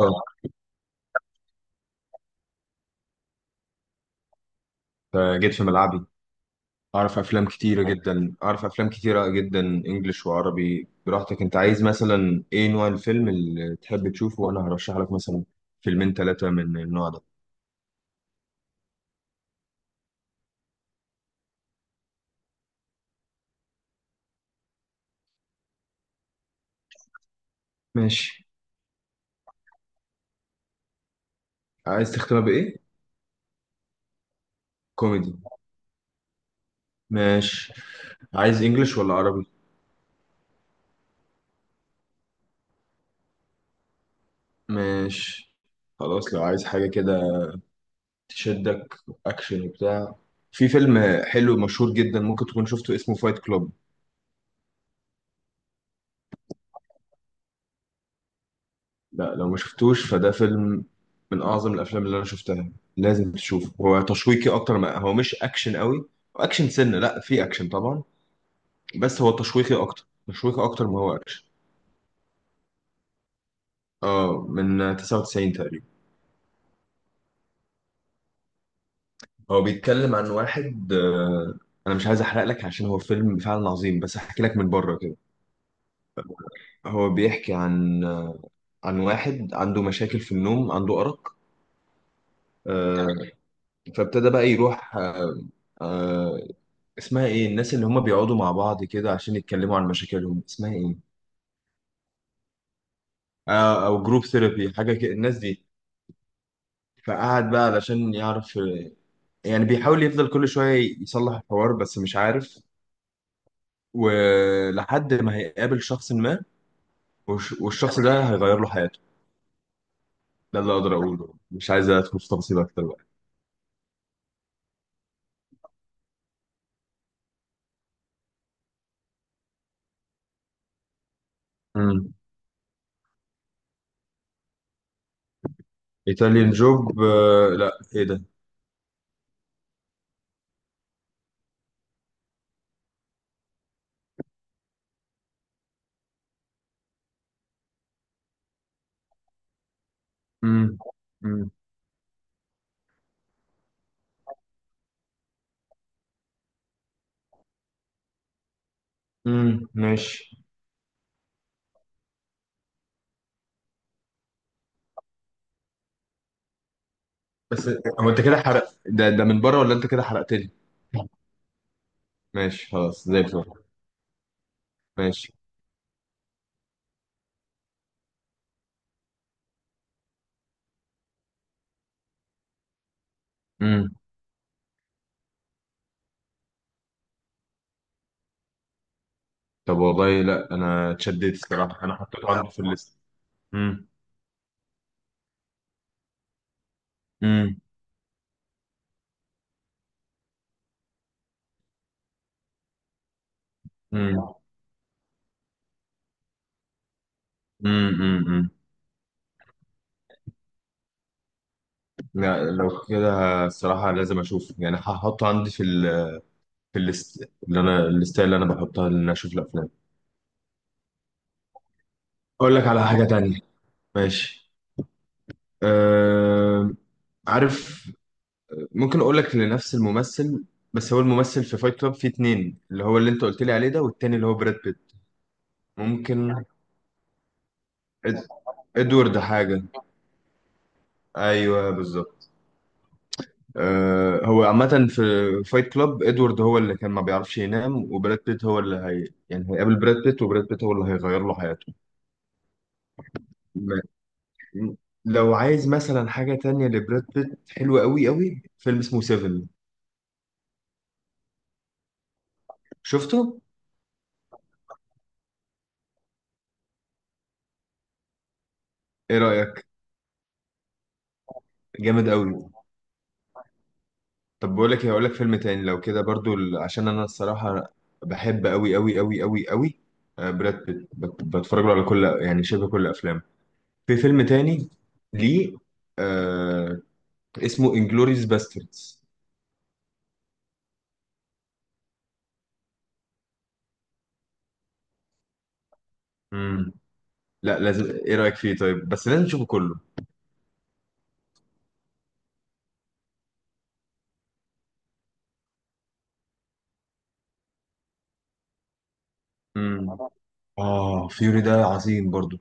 اه. فجيت في ملعبي. اعرف افلام كتيره جدا انجليش وعربي، براحتك. انت عايز مثلا ايه نوع الفيلم اللي تحب تشوفه؟ وانا هرشح لك مثلا فيلمين ثلاثه من النوع ده. ماشي. عايز تختمها بايه؟ كوميدي. ماشي. عايز انجليش ولا عربي؟ ماشي خلاص. لو عايز حاجه كده تشدك، اكشن وبتاع، في فيلم حلو مشهور جدا ممكن تكون شفته اسمه فايت كلوب. لا لو ما شفتوش فده فيلم من اعظم الافلام اللي انا شفتها. لازم تشوفه، هو تشويقي اكتر ما هو، مش اكشن قوي. اكشن سنه لا، في اكشن طبعا. بس هو تشويقي اكتر، ما هو اكشن. اه، من 99 تقريبا. هو بيتكلم عن واحد. انا مش عايز احرق لك عشان هو فيلم فعلا عظيم، بس احكي لك من بره كده. هو بيحكي عن واحد عنده مشاكل في النوم، عنده ارق. آه، فابتدى بقى يروح. آه، اسمها ايه الناس اللي هم بيقعدوا مع بعض كده عشان يتكلموا عن مشاكلهم؟ اسمها ايه؟ او جروب ثيرابي حاجه كده الناس دي. فقعد بقى علشان يعرف، يعني بيحاول يفضل كل شويه يصلح الحوار بس مش عارف، ولحد ما هيقابل شخص ما. والشخص ده هيغير له حياته. ده اللي اقدر اقوله، مش عايز ادخل في تفاصيل اكتر بقى. امم. ايطاليان جوب؟ لا، ايه ده؟ امم امم امم. ماشي. بس هو انت كده حرق؟ ده من بره، ولا انت كده حرقت لي؟ ماشي خلاص زي الفل. ماشي. امم. طب والله، لا انا اتشددت الصراحه، انا حطيته عندي في الليست. امم امم امم امم امم. لا لو كده، الصراحه لازم اشوف، يعني هحطه عندي في ال... في الليست اللي انا، بحطها ان أنا اشوف الافلام. اقول لك على حاجه تانية؟ ماشي. أه... عارف، ممكن اقول لك لنفس الممثل؟ بس هو الممثل في فايت كلاب في اتنين، اللي هو اللي انت قلت لي عليه ده، والتاني اللي هو براد بيت. ممكن إد... ادوارد حاجه. ايوه بالظبط. أه، هو عامة في فايت كلاب ادوارد هو اللي كان ما بيعرفش ينام، وبراد بيت هو اللي هي يعني هيقابل براد بيت، وبراد بيت هو اللي هيغير له حياته. ما... لو عايز مثلا حاجة تانية لبراد بيت حلوة قوي قوي، فيلم اسمه سيفن. شفته؟ ايه رأيك؟ جامد قوي. طب بقول لك إيه، هقول لك فيلم تاني لو كده برضو، عشان انا الصراحة بحب قوي قوي قوي قوي قوي براد بيت، بتفرج له على كل يعني شبه كل افلامه. في فيلم تاني ليه آه، اسمه انجلوريوس باستردز. امم. لا لازم، ايه رايك فيه؟ طيب بس لازم نشوفه كله. امم. اه، فيوري ده عظيم برضو.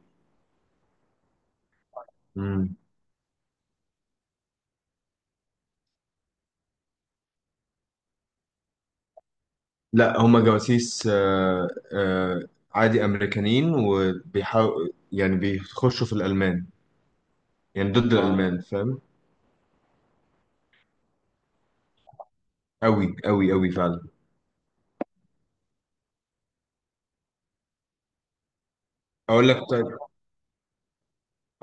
امم. لا، هما جواسيس. آه عادي، امريكانيين، وبيحاول يعني بيخشوا في الالمان، يعني ضد الالمان، فاهم؟ قوي قوي قوي فعلا. اقول لك طيب.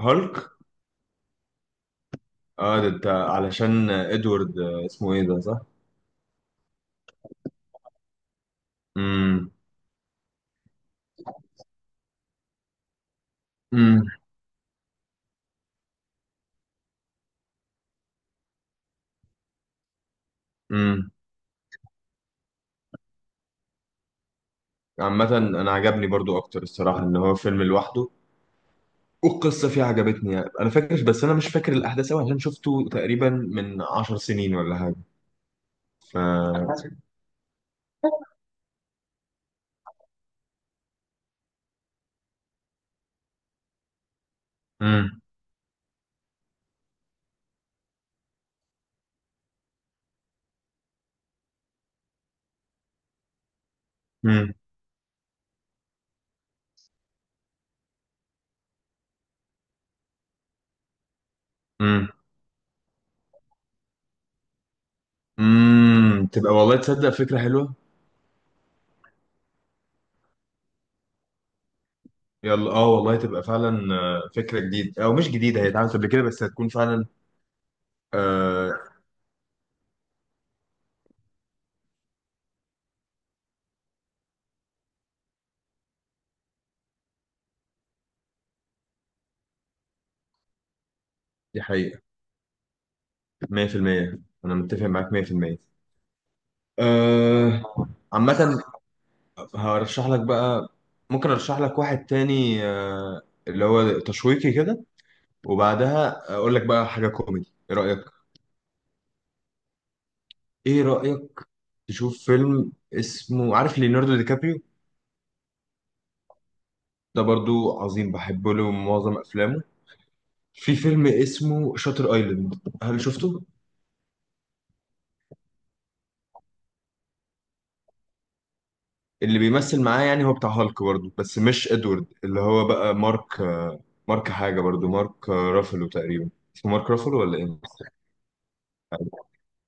هالك؟ اه، ده انت علشان ادوارد اسمه ايه ده؟ صح. امم امم امم. عامة انا عجبني برضو اكتر الصراحة ان هو فيلم لوحده، والقصه فيه عجبتني، يعني انا فاكر بس انا مش فاكر الاحداث قوي عشان شفته تقريبا من 10 سنين ولا حاجه. ف امم امم امم امم. تبقى والله، تصدق فكره حلوه. يلا اه والله تبقى فعلا فكره جديده، او مش جديده، هي اتعملت قبل كده بس هتكون فعلا. آه. دي حقيقه. 100%. انا متفق معاك 100%. آه. عامه هرشح لك بقى. ممكن ارشح لك واحد تاني اللي هو تشويقي كده، وبعدها اقول لك بقى حاجه كوميدي. ايه رايك؟ ايه رايك تشوف فيلم اسمه، عارف ليوناردو دي كابريو؟ ده برضو عظيم، بحب له معظم افلامه. في فيلم اسمه شاتر ايلاند، هل شفته؟ اللي بيمثل معاه يعني هو بتاع هالك برضو بس مش ادوارد، اللي هو بقى مارك. مارك حاجه، برضو مارك رافلو تقريبا. اسمه مارك رافلو ولا ايه؟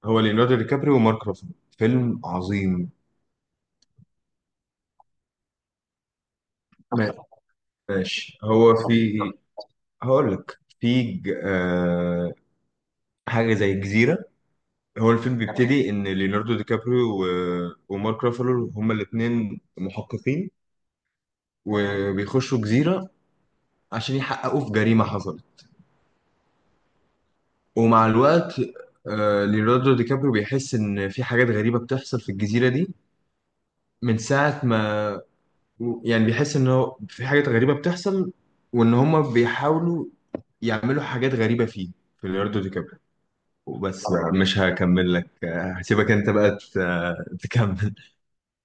هو ليوناردو دي كابريو ومارك رافلو. فيلم عظيم. ماشي، هو في، هقول لك في حاجه زي الجزيره. هو الفيلم تمام بيبتدي ان ليوناردو دي كابريو و... ومارك رافالو هما الاثنين محققين، وبيخشوا جزيره عشان يحققوا في جريمه حصلت. ومع الوقت ليوناردو دي كابريو بيحس ان في حاجات غريبه بتحصل في الجزيره دي من ساعه ما، يعني بيحس ان هو في حاجات غريبه بتحصل، وان هما بيحاولوا يعملوا حاجات غريبه فيه، في ليوناردو دي كابريو. وبس طبعا بقى تمام، مش هكمل لك، هسيبك انت بقى تكمل،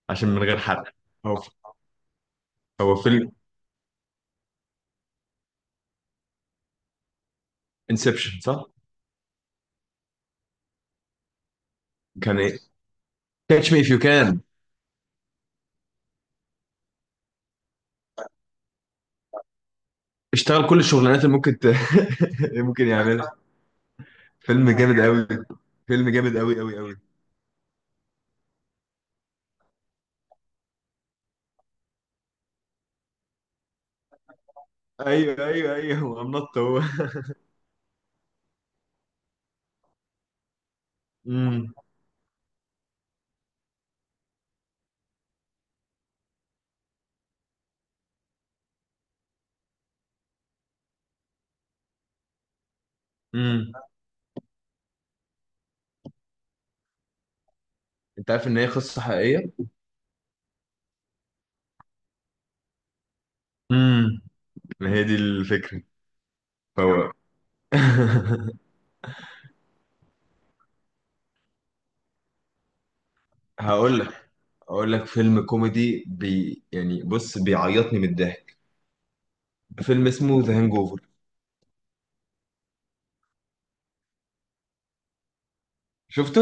عشان من غير حرق. هو هو فيلم انسبشن، صح؟ كان ايه؟ كاتش مي اف يو كان. اشتغل كل الشغلانات اللي ممكن ممكن يعملها. فيلم جامد قوي. فيلم جامد قوي قوي قوي. ايوه، ايوه، ايوه، هو نط هو. امم. امم. انت عارف ان هي قصه حقيقيه؟ امم. ما هي دي الفكره. فهو هقول لك هقول لك فيلم كوميدي، يعني بص، بيعيطني من الضحك. فيلم اسمه ذا هانج اوفر. شفته؟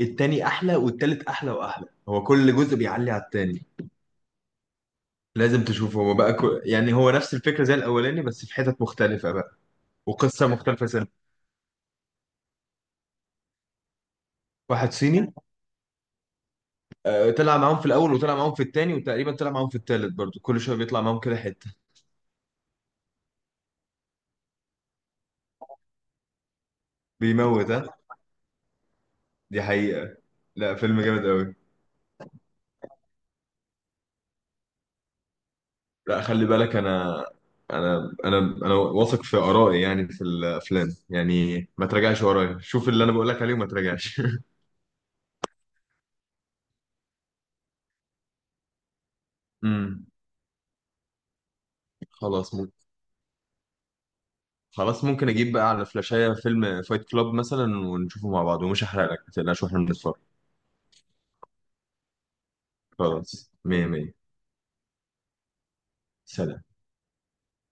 التاني احلى والتالت احلى، واحلى، هو كل جزء بيعلي على التاني. لازم تشوفه، هو بقى يعني هو نفس الفكره زي الاولاني بس في حتت مختلفه بقى، وقصه مختلفه سنة. واحد صيني. طلع معاهم في الاول وطلع معاهم في التاني، وتقريبا طلع معاهم في التالت برضو، كل شويه بيطلع معاهم كده حته. بيموت، ها. دي حقيقه. لا، فيلم جامد قوي. لا خلي بالك، انا انا واثق في ارائي، يعني في الافلام، يعني ما تراجعش ورايا، شوف اللي انا بقول لك عليه وما تراجعش. امم. خلاص. خلاص، ممكن اجيب بقى على فلاشايه فيلم فايت كلاب مثلا، ونشوفه مع بعض، ومش هحرق لك ما تقلقش واحنا بنتفرج. خلاص، مية مية. سلام.